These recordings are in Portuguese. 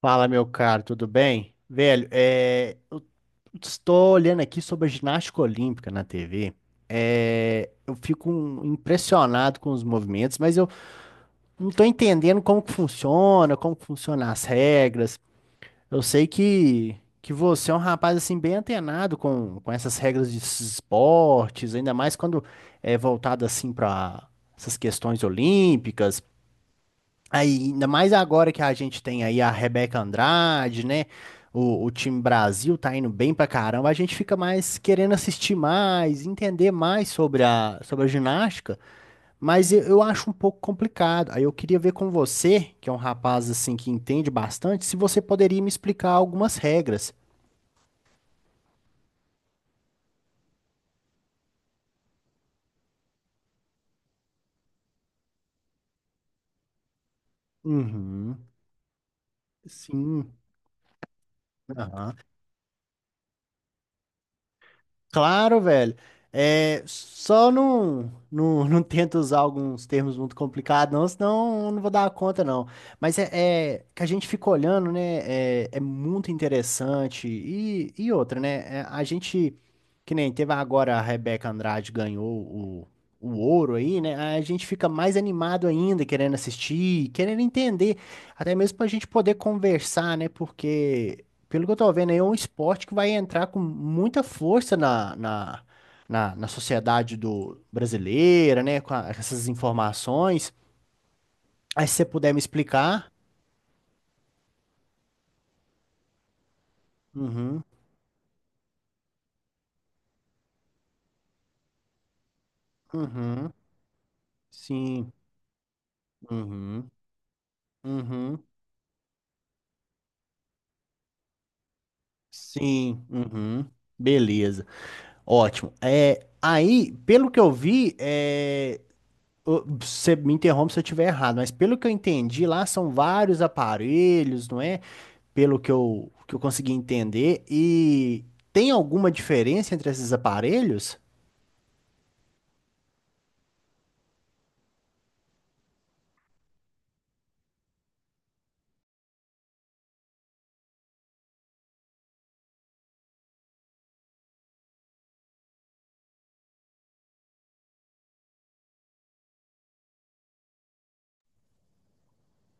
Fala, meu caro, tudo bem? Velho, eu estou olhando aqui sobre a ginástica olímpica na TV. É, eu fico impressionado com os movimentos, mas eu não estou entendendo como que funciona, como que funcionam as regras. Eu sei que você é um rapaz assim bem antenado com essas regras de esportes, ainda mais quando é voltado assim para essas questões olímpicas. Aí, ainda mais agora que a gente tem aí a Rebeca Andrade, né? O time Brasil tá indo bem pra caramba. A gente fica mais querendo assistir mais, entender mais sobre sobre a ginástica, mas eu acho um pouco complicado. Aí eu queria ver com você, que é um rapaz assim que entende bastante, se você poderia me explicar algumas regras. Uhum, sim, aham. Claro, velho. É, só não, não tenta usar alguns termos muito complicados, não, senão eu não vou dar conta, não. Mas é que a gente fica olhando, né? É, é muito interessante. E outra, né? É, a gente, que nem teve agora a Rebeca Andrade ganhou o ouro aí, né? A gente fica mais animado ainda, querendo assistir, querendo entender, até mesmo pra gente poder conversar, né? Porque pelo que eu tô vendo aí, é um esporte que vai entrar com muita força na sociedade do brasileira, né? Com essas informações. Aí se você puder me explicar. Uhum, uhum, sim, uhum, uhum, sim, uhum. Beleza, ótimo. É, aí, pelo que eu vi, é, ô, você me interrompe se eu estiver errado, mas pelo que eu entendi, lá são vários aparelhos, não é? Pelo que que eu consegui entender. E tem alguma diferença entre esses aparelhos?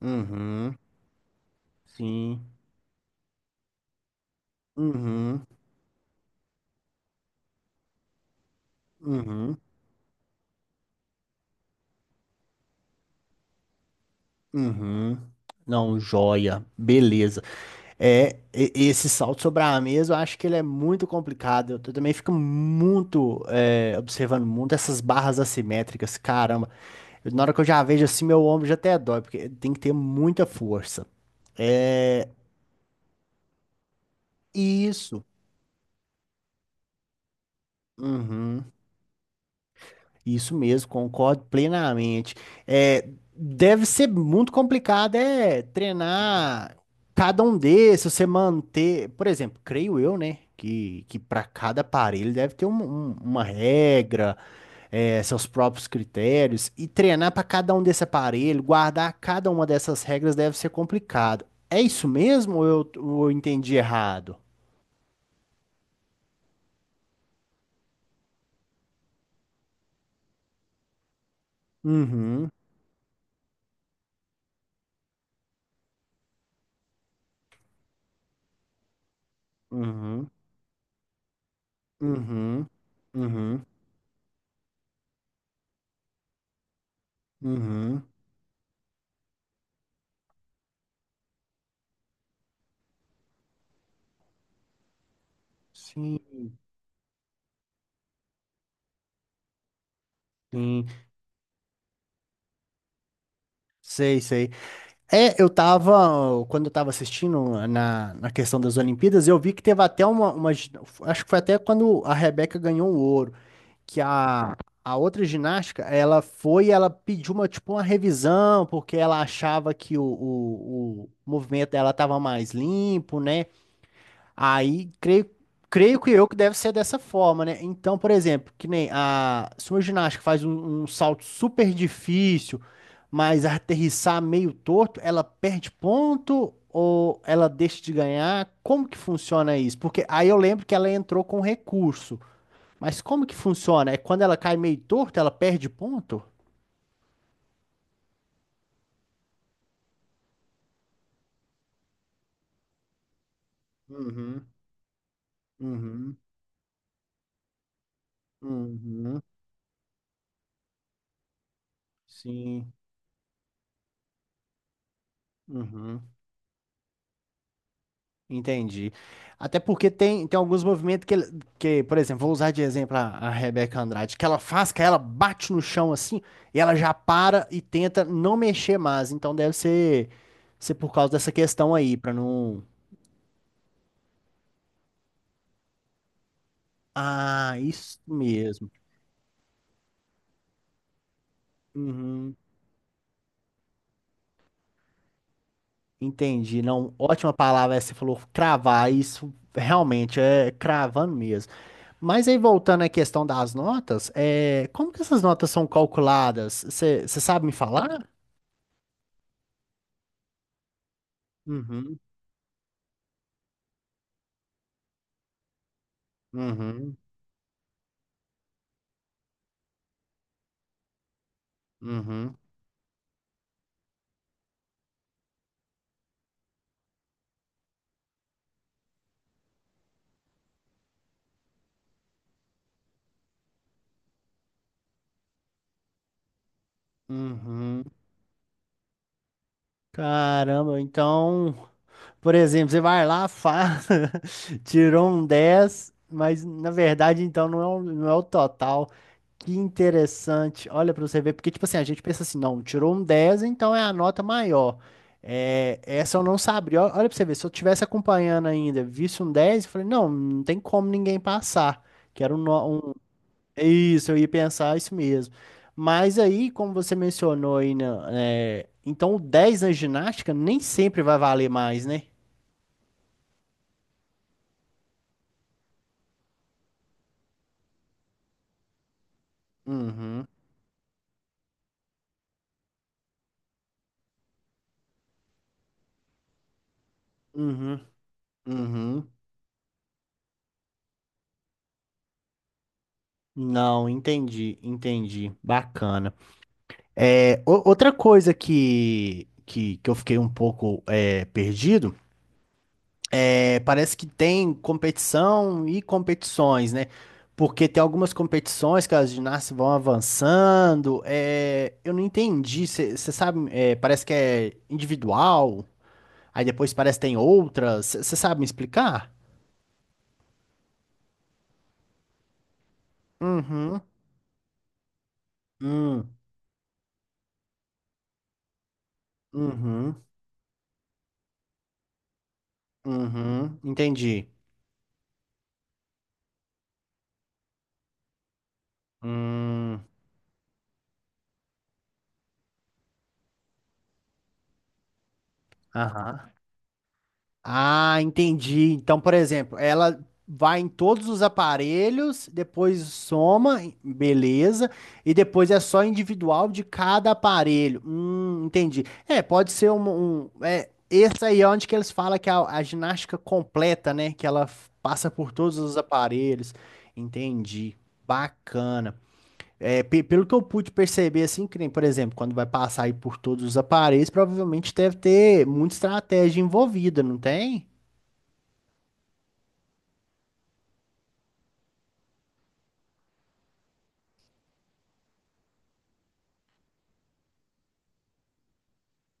Uhum, sim. Uhum, uhum, uhum. Não, joia. Beleza. É, esse salto sobre a mesa, eu acho que ele é muito complicado. Eu também fico muito, é, observando muito essas barras assimétricas, caramba. Na hora que eu já vejo assim, meu ombro já até dói, porque tem que ter muita força. É isso. Uhum. Isso mesmo, concordo plenamente. É, deve ser muito complicado é treinar cada um desses, você manter, por exemplo, creio eu, né, que para cada aparelho deve ter uma regra, é, seus próprios critérios e treinar para cada um desse aparelho, guardar cada uma dessas regras deve ser complicado. É isso mesmo ou ou eu entendi errado? Uhum, uhum, uhum, uhum, uhum. Sim, sim, sei, sei. Eu tava, quando eu tava assistindo na questão das Olimpíadas, eu vi que teve até uma, acho que foi até quando a Rebeca ganhou o ouro, que a outra ginástica, ela foi, ela pediu uma, tipo, uma revisão, porque ela achava que o movimento dela estava mais limpo, né? Aí, creio que eu que deve ser dessa forma, né? Então, por exemplo, que nem a, se uma ginástica faz um salto super difícil, mas aterrissar meio torto, ela perde ponto ou ela deixa de ganhar? Como que funciona isso? Porque aí eu lembro que ela entrou com recurso. Mas como que funciona? É quando ela cai meio torta, ela perde ponto? Uhum, uhum, uhum, sim. Uhum. Entendi. Até porque tem alguns movimentos que, por exemplo, vou usar de exemplo a Rebeca Andrade, que ela faz, que ela bate no chão assim, e ela já para e tenta não mexer mais. Então deve ser por causa dessa questão aí, pra não. Ah, isso mesmo. Entendi, não, ótima palavra essa, que você falou cravar, isso realmente é cravando mesmo. Mas aí voltando à questão das notas, é, como que essas notas são calculadas? Você sabe me falar? Uhum, uhum, uhum, uhum. Caramba, então, por exemplo, você vai lá, faz, tirou um 10, mas na verdade então não é, não é o total. Que interessante. Olha pra você ver, porque tipo assim, a gente pensa assim, não, tirou um 10 então é a nota maior. É, essa eu não sabia. Olha pra você ver, se eu tivesse acompanhando ainda, visse um 10 eu falei, não, não tem como ninguém passar. Que era um- Isso, eu ia pensar isso mesmo. Mas aí, como você mencionou aí, né, é, então o dez na ginástica nem sempre vai valer mais, né? Uhum, uhum, uhum. Não, entendi, entendi. Bacana. É, outra coisa que eu fiquei um pouco é, perdido é parece que tem competição e competições, né? Porque tem algumas competições que as ginastas vão avançando. É, eu não entendi. Você sabe, é, parece que é individual, aí depois parece que tem outras. Você sabe me explicar? Uhum, hum, uhum, uhum, entendi. Hum, aham. Ah, entendi. Então, por exemplo, ela vai em todos os aparelhos, depois soma, beleza, e depois é só individual de cada aparelho. Entendi. É, pode ser é, esse aí é onde que eles falam que é a ginástica completa, né? Que ela passa por todos os aparelhos. Entendi. Bacana. É, pelo que eu pude perceber, assim, que nem, por exemplo, quando vai passar aí por todos os aparelhos, provavelmente deve ter muita estratégia envolvida, não tem?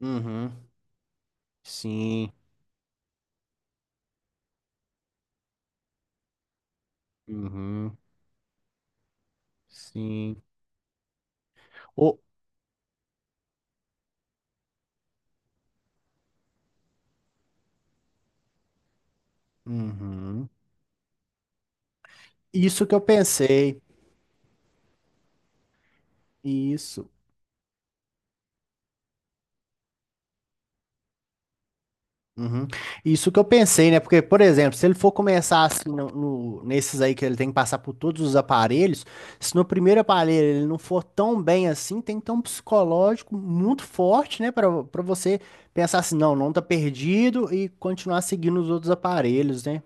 Uhum. Sim. Uhum. Sim. O... Uhum. Isso que eu pensei. Isso. Uhum. Isso que eu pensei, né? Porque, por exemplo, se ele for começar assim nesses aí que ele tem que passar por todos os aparelhos, se no primeiro aparelho ele não for tão bem assim, tem que ter um psicológico muito forte, né? Para você pensar assim, não, não tá perdido e continuar seguindo os outros aparelhos, né?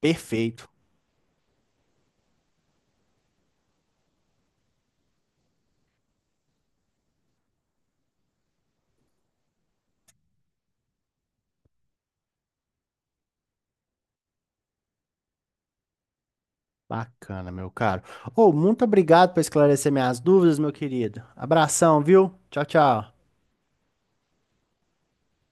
Perfeito. Bacana, meu caro. Ô, muito obrigado por esclarecer minhas dúvidas, meu querido. Abração, viu? Tchau, tchau.